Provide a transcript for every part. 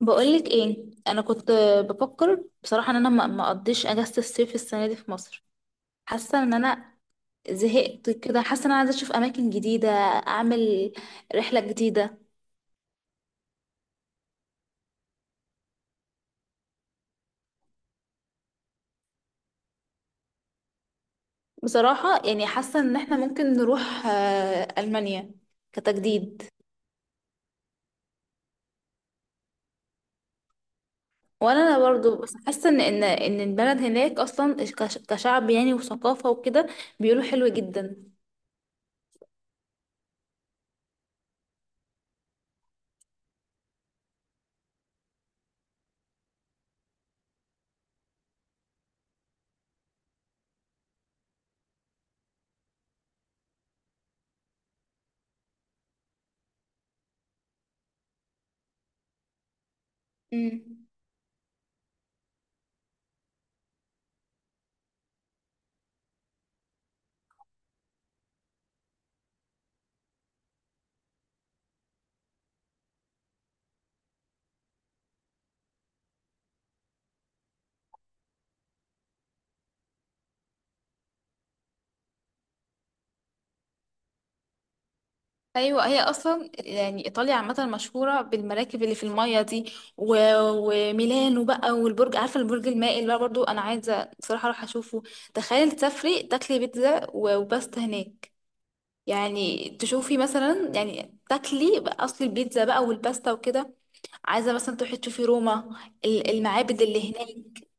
بقولك ايه؟ انا كنت بفكر بصراحه ان انا ما اقضيش اجازه الصيف السنه دي في مصر. حاسه ان انا زهقت كده، حاسه ان انا عايزه اشوف اماكن جديده، اعمل رحله جديده. بصراحه يعني حاسه ان احنا ممكن نروح المانيا كتجديد. وانا برضو، بس حاسه ان البلد هناك اصلا كشعب يعني، وثقافه وكده بيقولوا حلو جدا. مم. ايوه، هي اصلا يعني ايطاليا عامه مشهوره بالمراكب اللي في الميه دي وميلانو بقى، والبرج، عارفه البرج المائل بقى برضو انا عايزه بصراحه اروح اشوفه. تخيل تسافري تاكلي بيتزا وباستا هناك، يعني تشوفي مثلا، يعني تاكلي بقى، اصل البيتزا بقى والباستا وكده. عايزه مثلا تروحي تشوفي روما، المعابد اللي هناك.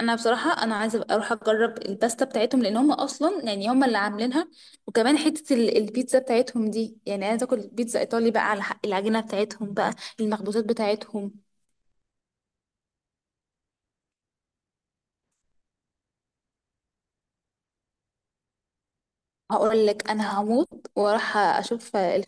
انا بصراحه انا عايزه أبقى اروح اجرب الباستا بتاعتهم، لان هم اصلا يعني هم اللي عاملينها. وكمان حته البيتزا بتاعتهم دي، يعني عايزه اكل بيتزا ايطالي بقى على حق العجينه بتاعتهم بقى، المخبوزات بتاعتهم. هقول لك انا هموت واروح اشوف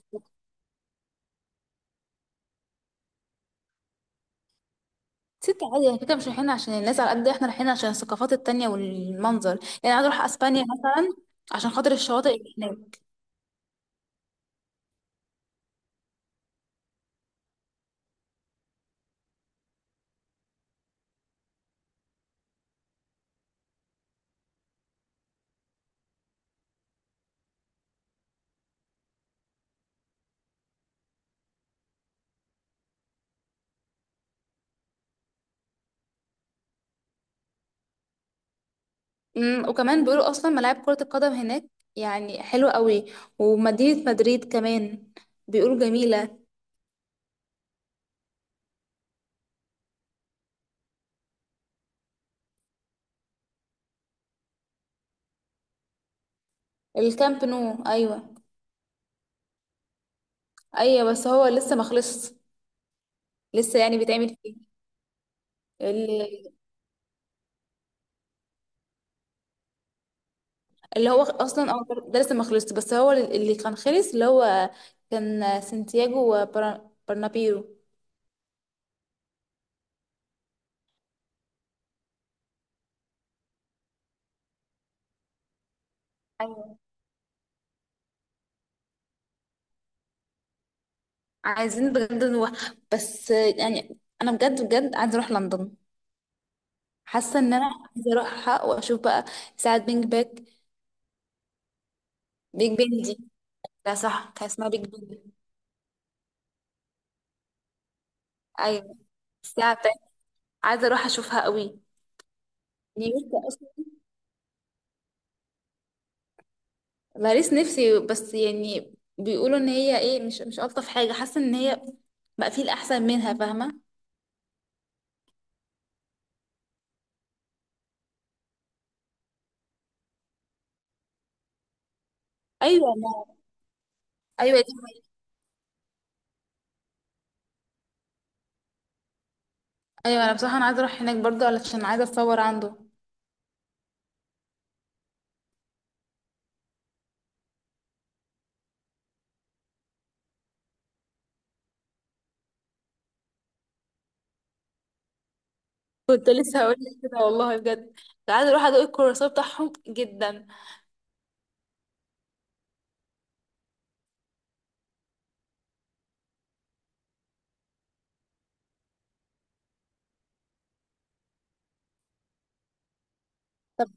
ست عادي، يعني كده مش رايحين عشان الناس، على قد احنا رايحين عشان الثقافات التانية والمنظر. يعني عايزه اروح اسبانيا مثلا عشان خاطر الشواطئ اللي هناك. وكمان بيقولوا اصلا ملاعب كره القدم هناك يعني حلوه قوي، ومدينه مدريد كمان بيقولوا جميله. الكامب نو، ايوه. ايوه بس هو لسه ما خلصش، لسه يعني بيتعمل فيه. ال- اللي هو اصلا، ده لسه ما خلصش، بس هو اللي كان خلص اللي هو كان سانتياغو وبرنابيرو. ايوه. عايزين بجد نروح، بس يعني انا بجد بجد عايزه اروح لندن. حاسه ان انا عايزه اروحها واشوف بقى ساعه بينج باك. بيج بن دي، لا صح، كان اسمها بيج بن. ايوه. الساعه بتاعت، عايزه اروح اشوفها قوي. نيويورك. باريس نفسي، بس يعني بيقولوا ان هي ايه، مش الطف حاجه، حاسه ان هي بقى في الاحسن منها، فاهمه. ايوه ما، ايوه دي حقيقة. ايوه، انا بصراحه انا عايزه اروح هناك برضه علشان عايزه اتصور عنده. كنت لسه هقول لك كده والله بجد، عايزه اروح ادوق الكرواسون بتاعهم جدا. طب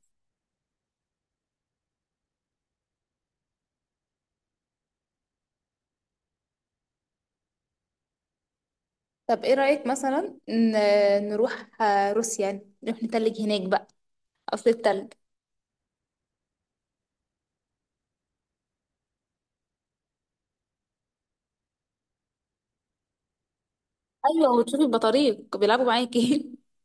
ايه رايك مثلا نروح روسيا، يعني نروح نتلج هناك بقى، اصل التلج. ايوه، وتشوفي البطاريق بيلعبوا معاكي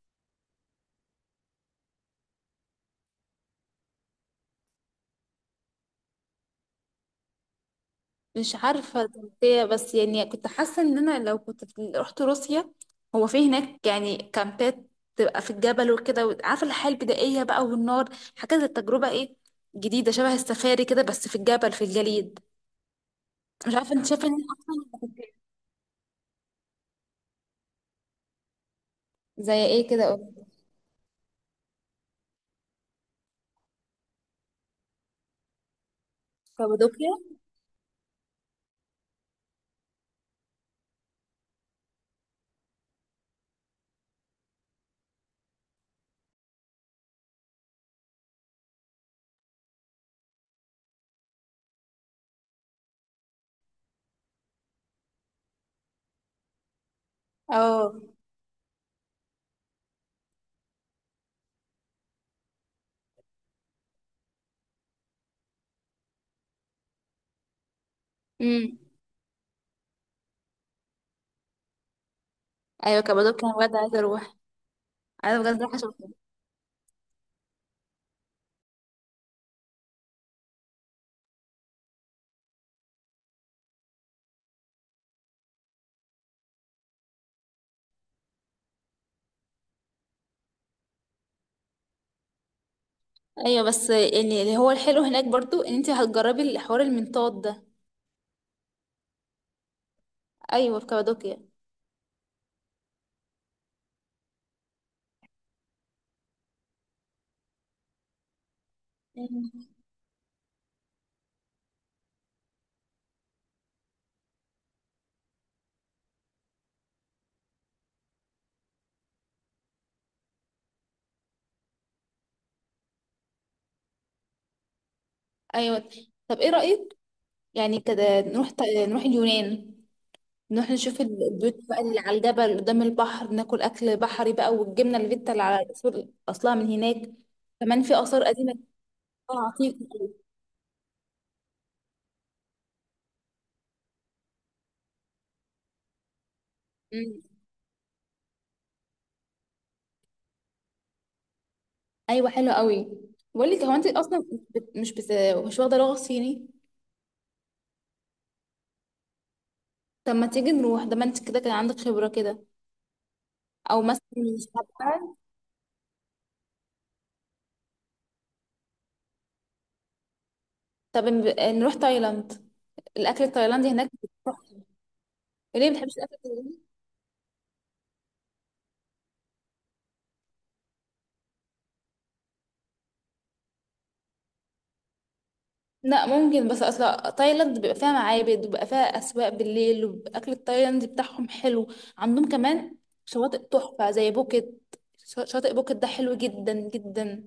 مش عارفة تركيا، بس يعني كنت حاسة ان انا لو كنت رحت روسيا، هو في هناك يعني كامبات تبقى في الجبل وكده، وعارفة الحياة البدائية بقى والنار، حاجة زي التجربة ايه، جديدة شبه السفاري كده بس في الجبل، في الجليد. مش عارفة، انت شايفة ان أنا اصلا. زي ايه كده، قولي. كابادوكيا، اه. امم. ايوه كابادوكيا انا بجد عايزة اروح، انا بجد رايحة اشوفها. ايوه، بس يعني اللي هو الحلو هناك برضو ان انت هتجربي الحوار المنطاد ده. ايوه، في كابادوكيا. ايوه. طب ايه رأيك؟ يعني كده نروح نروح اليونان، نروح نشوف البيوت بقى اللي على الجبل قدام البحر، ناكل اكل بحري بقى، والجبنه الفيتا اللي على الأصول اصلها من هناك. كمان في اثار قديمه، عتيقه. أمم. ايوه حلو قوي. بقول لك، هو انت اصلا مش واخده لغه صيني. طب ما تيجي نروح، ده ما انت كده كان عندك خبره كده. او مثلا مش عارفة. طب نروح تايلاند، الاكل التايلاندي هناك تحفة. ليه ما بتحبش الاكل؟ لا ممكن، بس اصلا تايلاند بيبقى فيها معابد، وبيبقى فيها اسواق بالليل، والاكل التايلاندي بتاعهم حلو. عندهم كمان شواطئ تحفة زي بوكيت، شاطئ بوكيت ده حلو جدا جدا.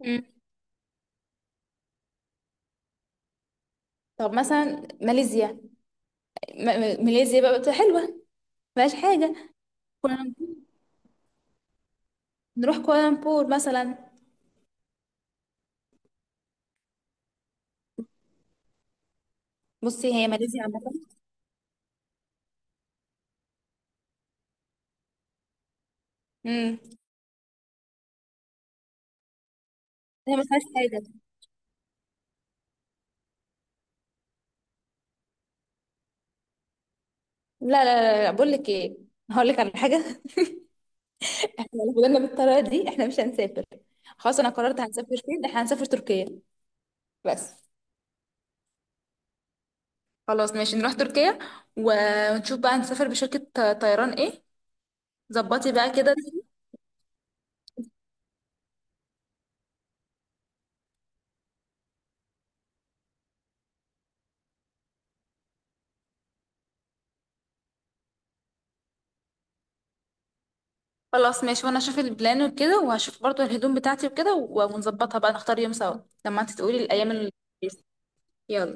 مم. طب مثلا ماليزيا، ماليزيا بقى بتبقى حلوة. مفيهاش حاجة. كوالالمبور، نروح كوالالمبور مثلا. بصي هي ماليزيا عامة، امم هي مفيهاش حاجة. لا لا لا, لا. بقول لك ايه، هقول لك على حاجة احنا لو فضلنا بالطريقة دي احنا مش هنسافر. خلاص انا قررت، هنسافر فين؟ احنا هنسافر تركيا. بس خلاص ماشي نروح تركيا. ونشوف بقى نسافر بشركة طيران ايه. ظبطي بقى كده. خلاص ماشي، وانا اشوف البلان وكده، وهشوف برضو الهدوم بتاعتي وكده، ونظبطها بقى، نختار يوم سوا لما انت تقولي الايام اللي، يلا.